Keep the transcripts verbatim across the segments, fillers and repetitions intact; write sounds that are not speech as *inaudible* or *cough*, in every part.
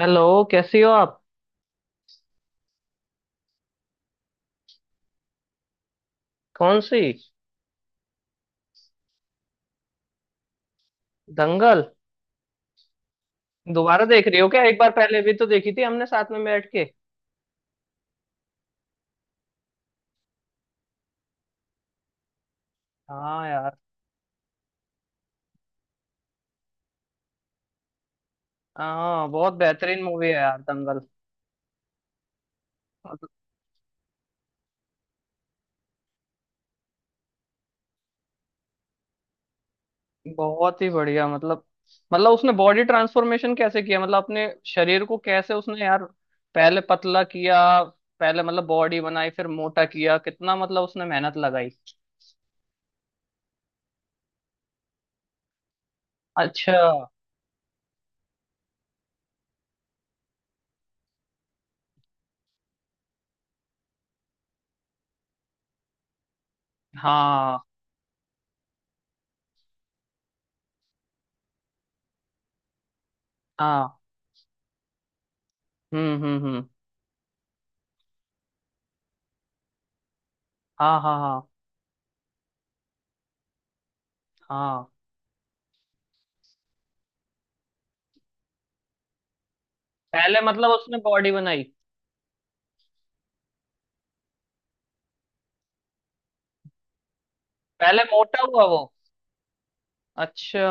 Hello. कैसी हो आप? कौन सी? दंगल? दोबारा देख रही हो क्या? एक बार पहले भी तो देखी थी हमने साथ में बैठ के। हाँ यार। हाँ, बहुत बेहतरीन मूवी है यार दंगल। मतलब बहुत ही बढ़िया। मतलब मतलब उसने बॉडी ट्रांसफॉर्मेशन कैसे किया, मतलब अपने शरीर को कैसे उसने यार पहले पतला किया। पहले मतलब बॉडी बनाई, फिर मोटा किया। कितना मतलब उसने मेहनत लगाई। अच्छा। हाँ हाँ। हम्म हम्म हम्म। हाँ हाँ हाँ हाँ। पहले मतलब उसने बॉडी बनाई। पहले मोटा हुआ वो। अच्छा।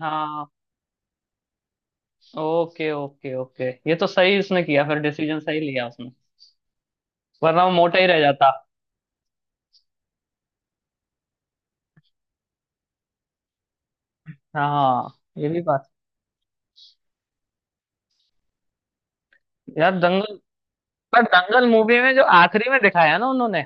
हाँ। ओके ओके ओके, ये तो सही उसने किया। फिर डिसीजन सही लिया उसने। वरना वो मोटा ही रह जाता। हाँ, ये भी बात। यार दंगल। पर दंगल मूवी में जो आखिरी में दिखाया ना उन्होंने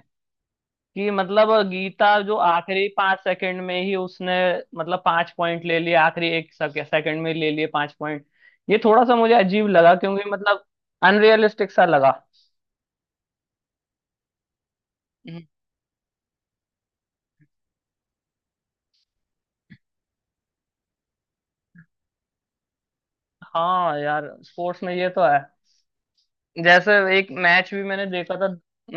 कि मतलब गीता जो आखिरी पांच सेकंड में ही उसने मतलब पांच पॉइंट ले लिए, आखिरी एक सेकंड में ले लिए पांच पॉइंट। ये थोड़ा सा मुझे अजीब लगा, क्योंकि मतलब अनरियलिस्टिक सा लगा। हम्म। हाँ यार, स्पोर्ट्स में ये तो है। जैसे एक मैच भी मैंने देखा था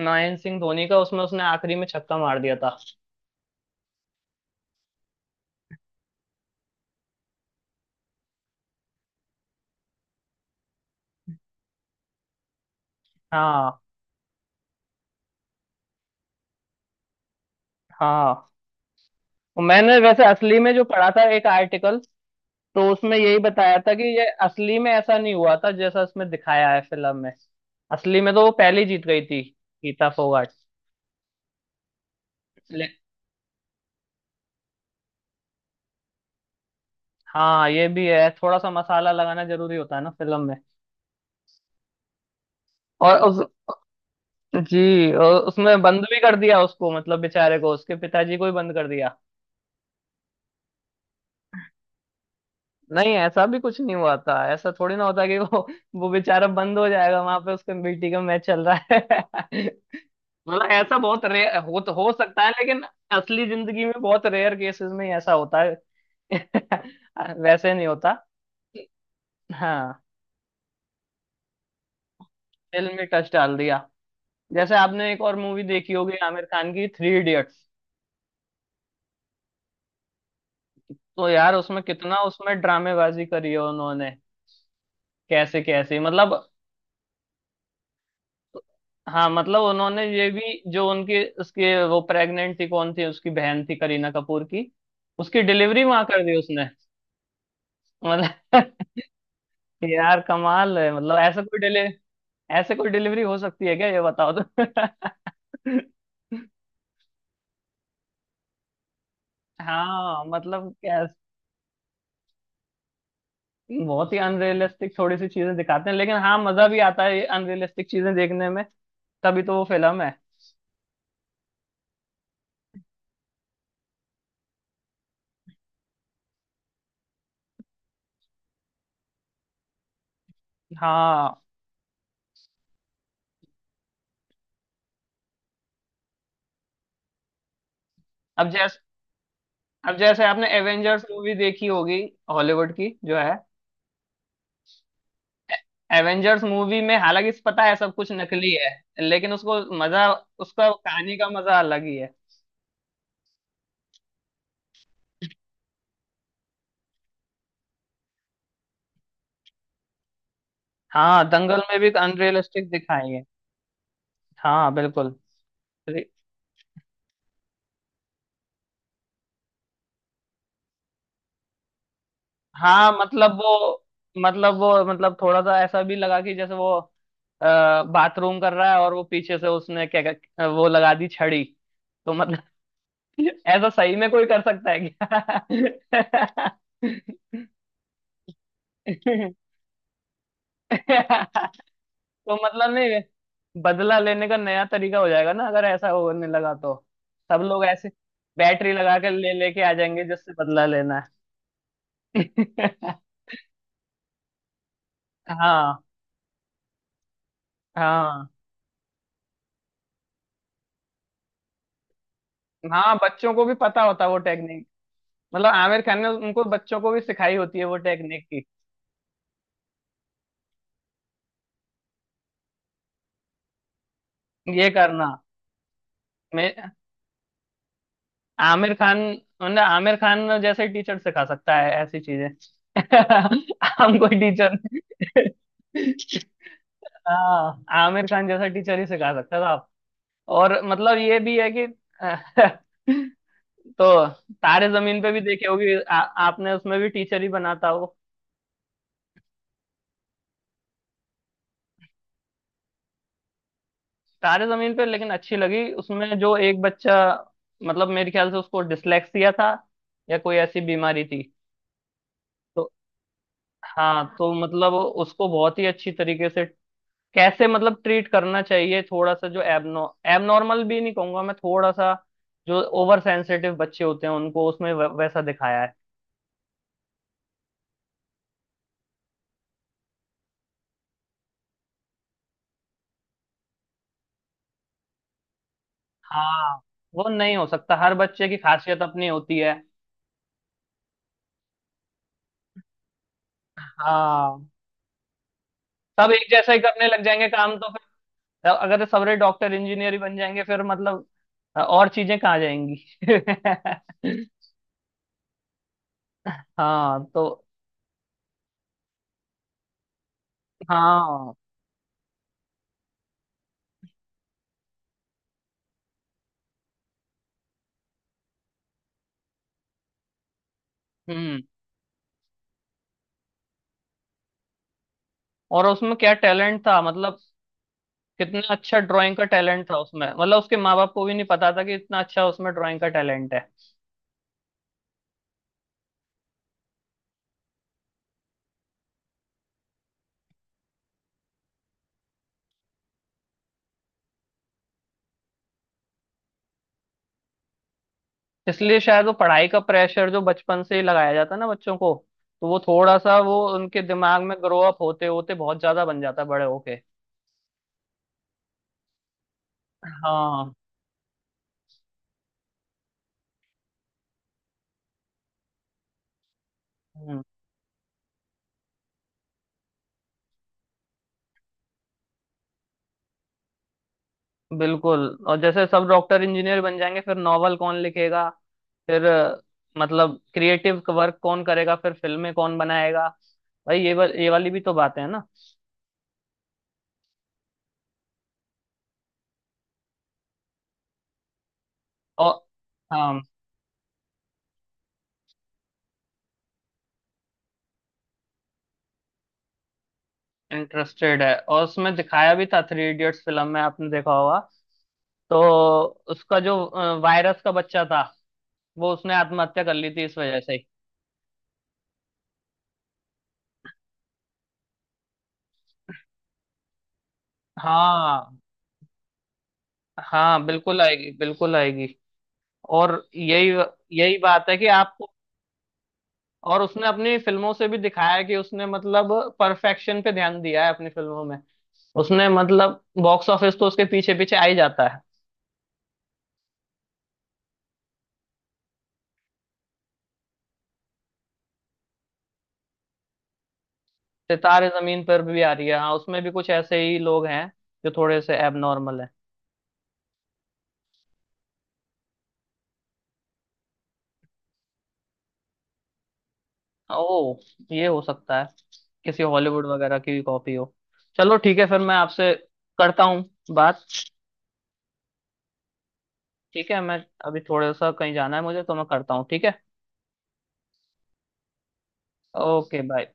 महेंद्र सिंह धोनी का, उसमें उसने आखिरी में छक्का मार दिया था। हाँ हाँ। और मैंने वैसे असली में जो पढ़ा था एक आर्टिकल, तो उसमें यही बताया था कि ये असली में ऐसा नहीं हुआ था जैसा इसमें दिखाया है फिल्म में। असली में तो वो पहले ही जीत गई थी, गीता फोगाट। ले- हाँ, ये भी है, थोड़ा सा मसाला लगाना जरूरी होता है ना फिल्म में। और उस जी, और उसमें बंद भी कर दिया उसको, मतलब बेचारे को, उसके पिताजी को ही बंद कर दिया। नहीं, ऐसा भी कुछ नहीं हुआ था, ऐसा थोड़ी ना होता कि वो वो बेचारा बंद हो जाएगा वहां पे उसका बेटी का मैच चल रहा है। *laughs* मतलब ऐसा बहुत रेयर हो तो हो सकता है, लेकिन असली जिंदगी में बहुत रेयर केसेस में ही ऐसा होता है। *laughs* वैसे नहीं होता। हाँ। फिल्म में टच डाल दिया। जैसे आपने एक और मूवी देखी होगी आमिर खान की, थ्री इडियट्स। तो यार उसमें कितना उसमें ड्रामेबाजी करी है उन्होंने। कैसे कैसे, मतलब। हाँ, मतलब उन्होंने ये भी जो उनकी उसके वो प्रेग्नेंट थी, कौन थी उसकी बहन थी, करीना कपूर की। उसकी डिलीवरी वहां कर दी उसने। मतलब। *laughs* यार कमाल है, मतलब ऐसा कोई डिले ऐसे कोई डिलीवरी हो सकती है क्या ये बताओ तो। *laughs* हाँ मतलब क्या। बहुत ही अनरियलिस्टिक थोड़ी सी चीजें दिखाते हैं, लेकिन हाँ, मजा भी आता है ये अनरियलिस्टिक चीजें देखने में। तभी तो वो फिल्म है। हाँ। अब जैसे अब जैसे आपने एवेंजर्स मूवी देखी होगी, हॉलीवुड की जो है। एवेंजर्स मूवी में हालांकि इस पता है सब कुछ नकली है, लेकिन उसको मजा उसका कहानी का मजा अलग ही है। हाँ दंगल में भी अनरियलिस्टिक दिखाई है। हाँ बिल्कुल। रे- हाँ, मतलब वो मतलब वो मतलब थोड़ा सा ऐसा भी लगा कि जैसे वो बाथरूम कर रहा है और वो पीछे से उसने क्या क्या- वो लगा दी छड़ी। तो मतलब। *laughs* ऐसा सही में कोई कर सकता है क्या? *laughs* तो मतलब नहीं, बदला लेने का नया तरीका हो जाएगा ना अगर ऐसा होने लगा तो। सब लोग ऐसे बैटरी लगा कर ले लेके आ जाएंगे जिससे बदला लेना है। *laughs* हाँ हाँ। हाँ, बच्चों को भी पता होता है वो टेक्निक। मतलब आमिर खान ने उनको बच्चों को भी सिखाई होती है वो टेक्निक की ये करना। मैं आमिर खान मतलब आमिर खान जैसे टीचर सिखा सकता है ऐसी चीजें। *laughs* हम कोई टीचर। *laughs* हाँ, आमिर खान जैसा टीचर ही सिखा सकता था। और मतलब ये भी है कि। *laughs* तो तारे जमीन पे भी देखी होगी आ, आपने, उसमें भी टीचर ही बना था वो। तारे जमीन पे, लेकिन अच्छी लगी उसमें जो एक बच्चा, मतलब मेरे ख्याल से उसको डिसलेक्सिया था या कोई ऐसी बीमारी थी। तो हाँ, तो मतलब उसको बहुत ही अच्छी तरीके से कैसे मतलब ट्रीट करना चाहिए। थोड़ा सा जो एबनो एबनॉर्मल भी नहीं कहूंगा मैं, थोड़ा सा जो ओवर सेंसिटिव बच्चे होते हैं उनको उसमें वै- वैसा दिखाया है। हाँ। वो नहीं हो सकता, हर बच्चे की खासियत अपनी होती है। हाँ। सब एक जैसा ही करने लग जाएंगे काम तो फिर, अगर सबरे डॉक्टर इंजीनियर ही बन जाएंगे फिर मतलब और चीजें कहाँ जाएंगी। *laughs* हाँ तो। हाँ। हम्म। और उसमें क्या टैलेंट था, मतलब कितना अच्छा ड्राइंग का टैलेंट था उसमें, मतलब उसके माँ बाप को भी नहीं पता था कि इतना अच्छा उसमें ड्राइंग का टैलेंट है। इसलिए शायद वो पढ़ाई का प्रेशर जो बचपन से ही लगाया जाता है ना बच्चों को, तो वो थोड़ा सा वो उनके दिमाग में ग्रो अप होते होते बहुत ज्यादा बन जाता है बड़े होके। हाँ। हम्म, बिल्कुल। और जैसे सब डॉक्टर इंजीनियर बन जाएंगे, फिर नॉवल कौन लिखेगा? फिर अ, मतलब क्रिएटिव वर्क कौन करेगा, फिर फिल्में कौन बनाएगा? भाई ये वा, ये वाली भी तो बातें हैं ना। और। हाँ। इंटरेस्टेड है, और उसमें दिखाया भी था थ्री इडियट्स फिल्म में आपने देखा होगा। तो उसका जो वायरस का बच्चा था, वो उसने आत्महत्या कर ली थी इस वजह से। हाँ। हाँ बिल्कुल आएगी, बिल्कुल आएगी। और यही यही बात है कि आपको। और उसने अपनी फिल्मों से भी दिखाया है कि उसने मतलब परफेक्शन पे ध्यान दिया है अपनी फिल्मों में। उसने मतलब बॉक्स ऑफिस तो उसके पीछे पीछे आ ही जाता है। सितारे जमीन पर भी आ रही है। हाँ, उसमें भी कुछ ऐसे ही लोग हैं जो थोड़े से एबनॉर्मल हैं। ओ। ये हो सकता है किसी हॉलीवुड वगैरह की कॉपी हो। चलो ठीक है, फिर मैं आपसे करता हूँ बात। ठीक है, मैं अभी थोड़ा सा कहीं जाना है मुझे, तो मैं करता हूँ, ठीक है। Okay bye.